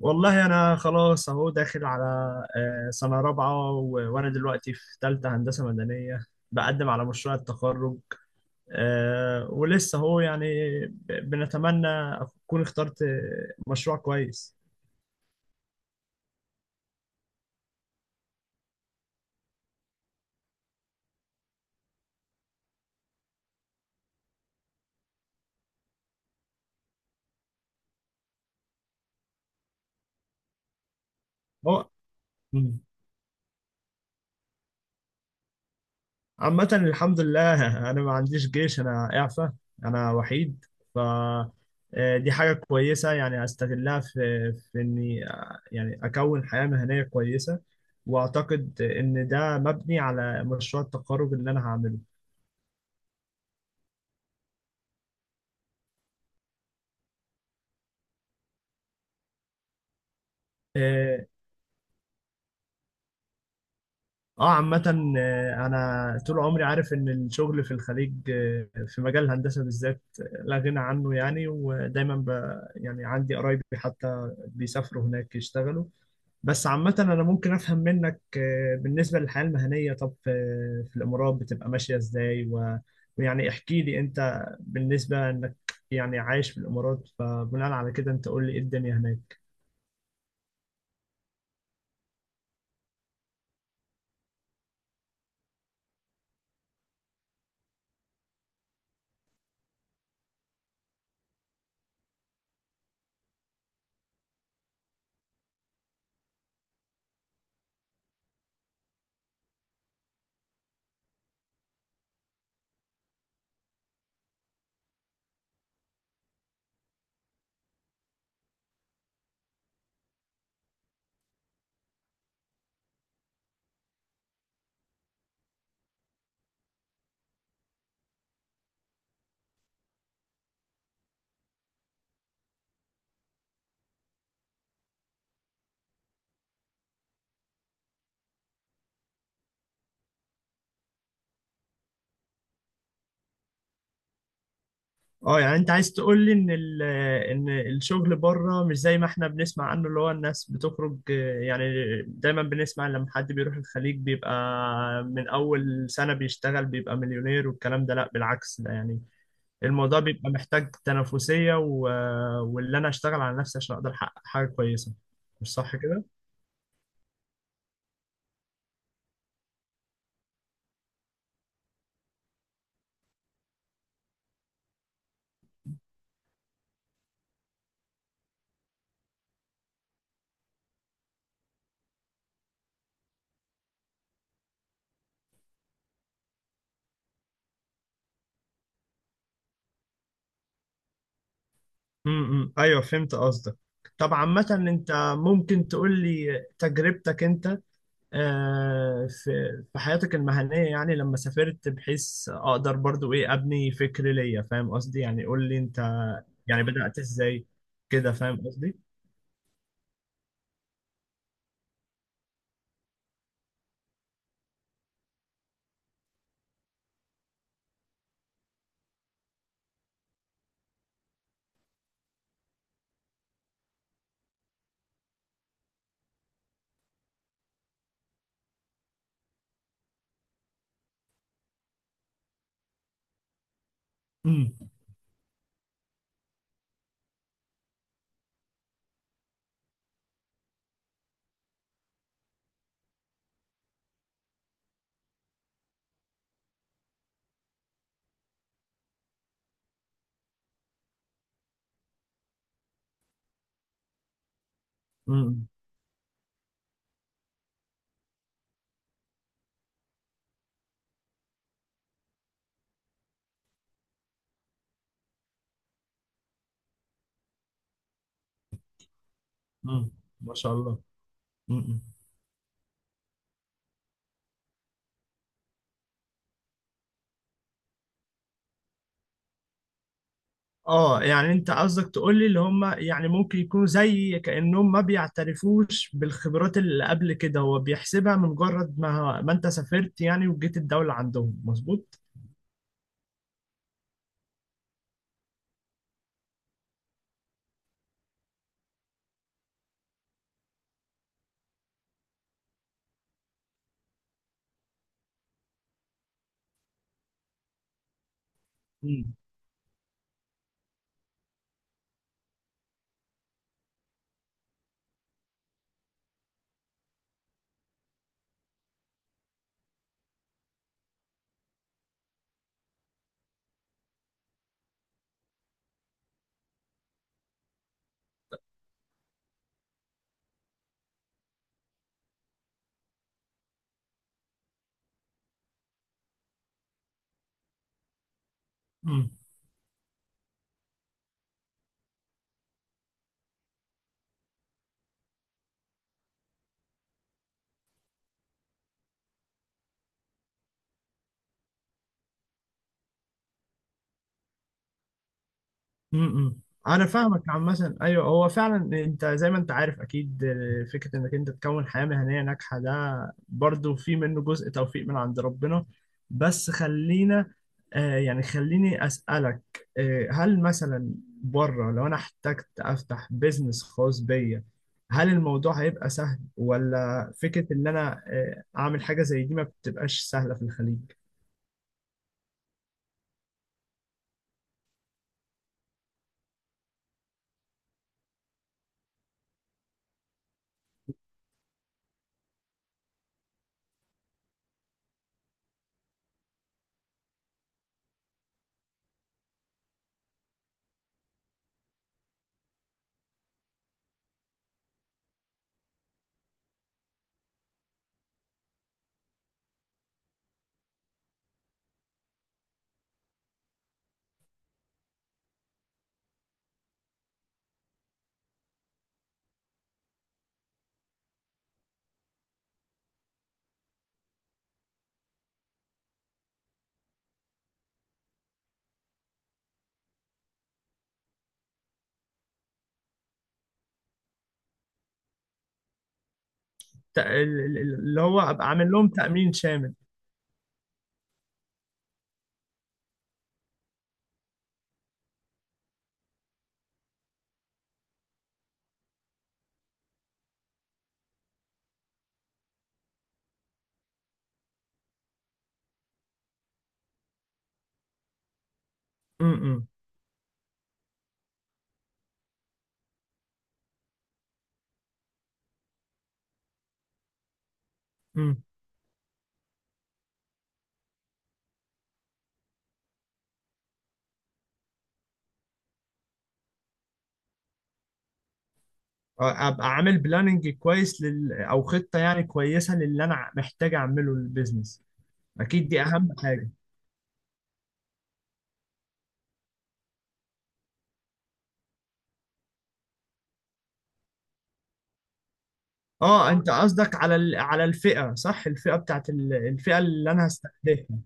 والله انا خلاص اهو داخل على سنه رابعه وانا دلوقتي في ثالثه هندسه مدنيه. بقدم على مشروع التخرج. ولسه اهو يعني بنتمنى اكون اخترت مشروع كويس. هو عامة الحمد لله أنا ما عنديش جيش، أنا إعفى. أنا وحيد. ف دي حاجة كويسة يعني أستغلها في إني يعني أكون حياة مهنية كويسة. وأعتقد إن ده مبني على مشروع التخرج اللي أنا هعمله. آه آه، عامة، أنا طول عمري عارف إن الشغل في الخليج، في مجال الهندسة بالذات، لا غنى عنه يعني، ودايما ب. يعني عندي قرايبي حتى بيسافروا هناك يشتغلوا. بس عامة أنا ممكن أفهم منك، بالنسبة للحياة المهنية. طب في الإمارات بتبقى ماشية إزاي ويعني احكي لي أنت بالنسبة إنك يعني عايش في الإمارات، فبناء على كده أنت قول لي إيه الدنيا هناك. أه يعني أنت عايز تقول لي إن إن الشغل بره مش زي ما إحنا بنسمع عنه، اللي هو الناس بتخرج، يعني دايما بنسمع لما حد بيروح الخليج بيبقى من أول سنة بيشتغل بيبقى مليونير والكلام ده. لأ بالعكس، ده يعني الموضوع بيبقى محتاج تنافسية، و واللي أنا أشتغل على نفسي عشان أقدر أحقق حاجة كويسة. مش صح كده؟ أيوه فهمت قصدك. طب عامة أنت ممكن تقول لي تجربتك أنت، آه، في في حياتك المهنية، يعني لما سافرت بحيث أقدر برضو إيه أبني فكر ليا، فاهم قصدي؟ يعني قول لي أنت يعني بدأت إزاي، كده فاهم قصدي؟ امم. امم. امم. ما شاء الله. امم. اه يعني انت قصدك تقول لي اللي هم يعني ممكن يكونوا زي كأنهم ما بيعترفوش بالخبرات اللي قبل كده، هو بيحسبها من مجرد ما انت سافرت يعني وجيت الدولة، عندهم مظبوط؟ امم. امم. انا فاهمك عامة، ايوه هو فعلا. انت زي ما انت عارف اكيد، فكرة انك انت تكون حياة مهنية ناجحة ده برضو في منه جزء توفيق من عند ربنا. بس خلينا آه، يعني خليني اسألك، هل مثلا بره لو انا احتجت افتح بيزنس خاص بيا، هل الموضوع هيبقى سهل، ولا فكرة ان انا اعمل حاجة زي دي ما بتبقاش سهلة في الخليج؟ اللي هو ابقى عامل لهم تأمين شامل. امم ابقى عامل بلاننج كويس او خطه يعني كويسه للي انا محتاج اعمله للبيزنس. اكيد دي اهم حاجه. اه انت قصدك على على الفئه صح؟ الفئه بتاعت الفئه اللي انا هستهدفها.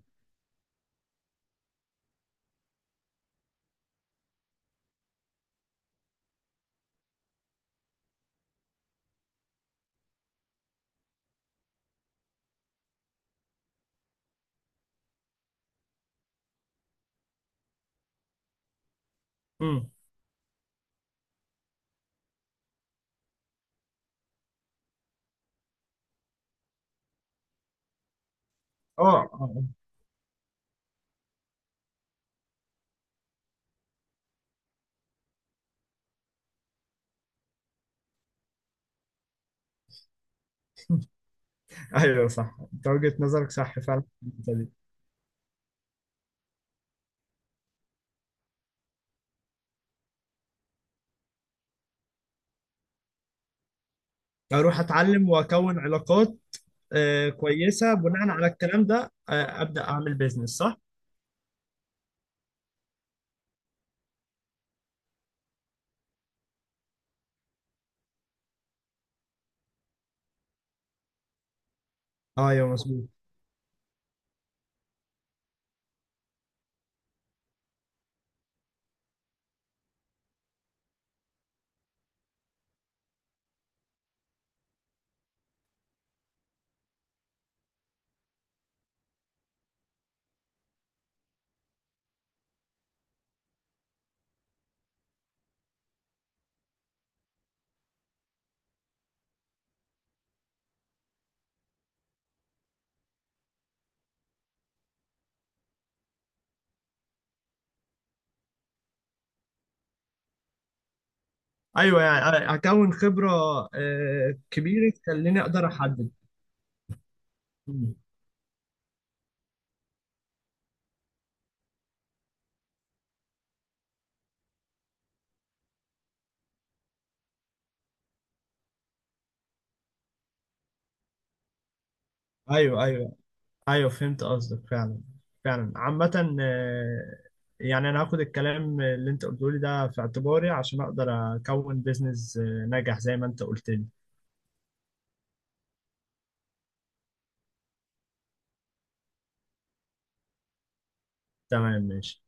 امم. اه. آه. ايوه صح، انت وجهه نظرك صح فعلا في النقطة دي. اروح اتعلم واكون علاقات. آه كويسه. بناء على الكلام ده ابدا اعمل بيزنس صح. ايوه مظبوط. ايوه يعني اكون خبره كبيره تخليني اقدر احدد. مم. ايوه، ايوه، ايوه، فهمت قصدك فعلا. فعلا عامة، يعني انا هاخد الكلام اللي انت قلته لي ده في اعتباري عشان اقدر اكون بيزنس ناجح زي ما انت قلت لي. تمام ماشي.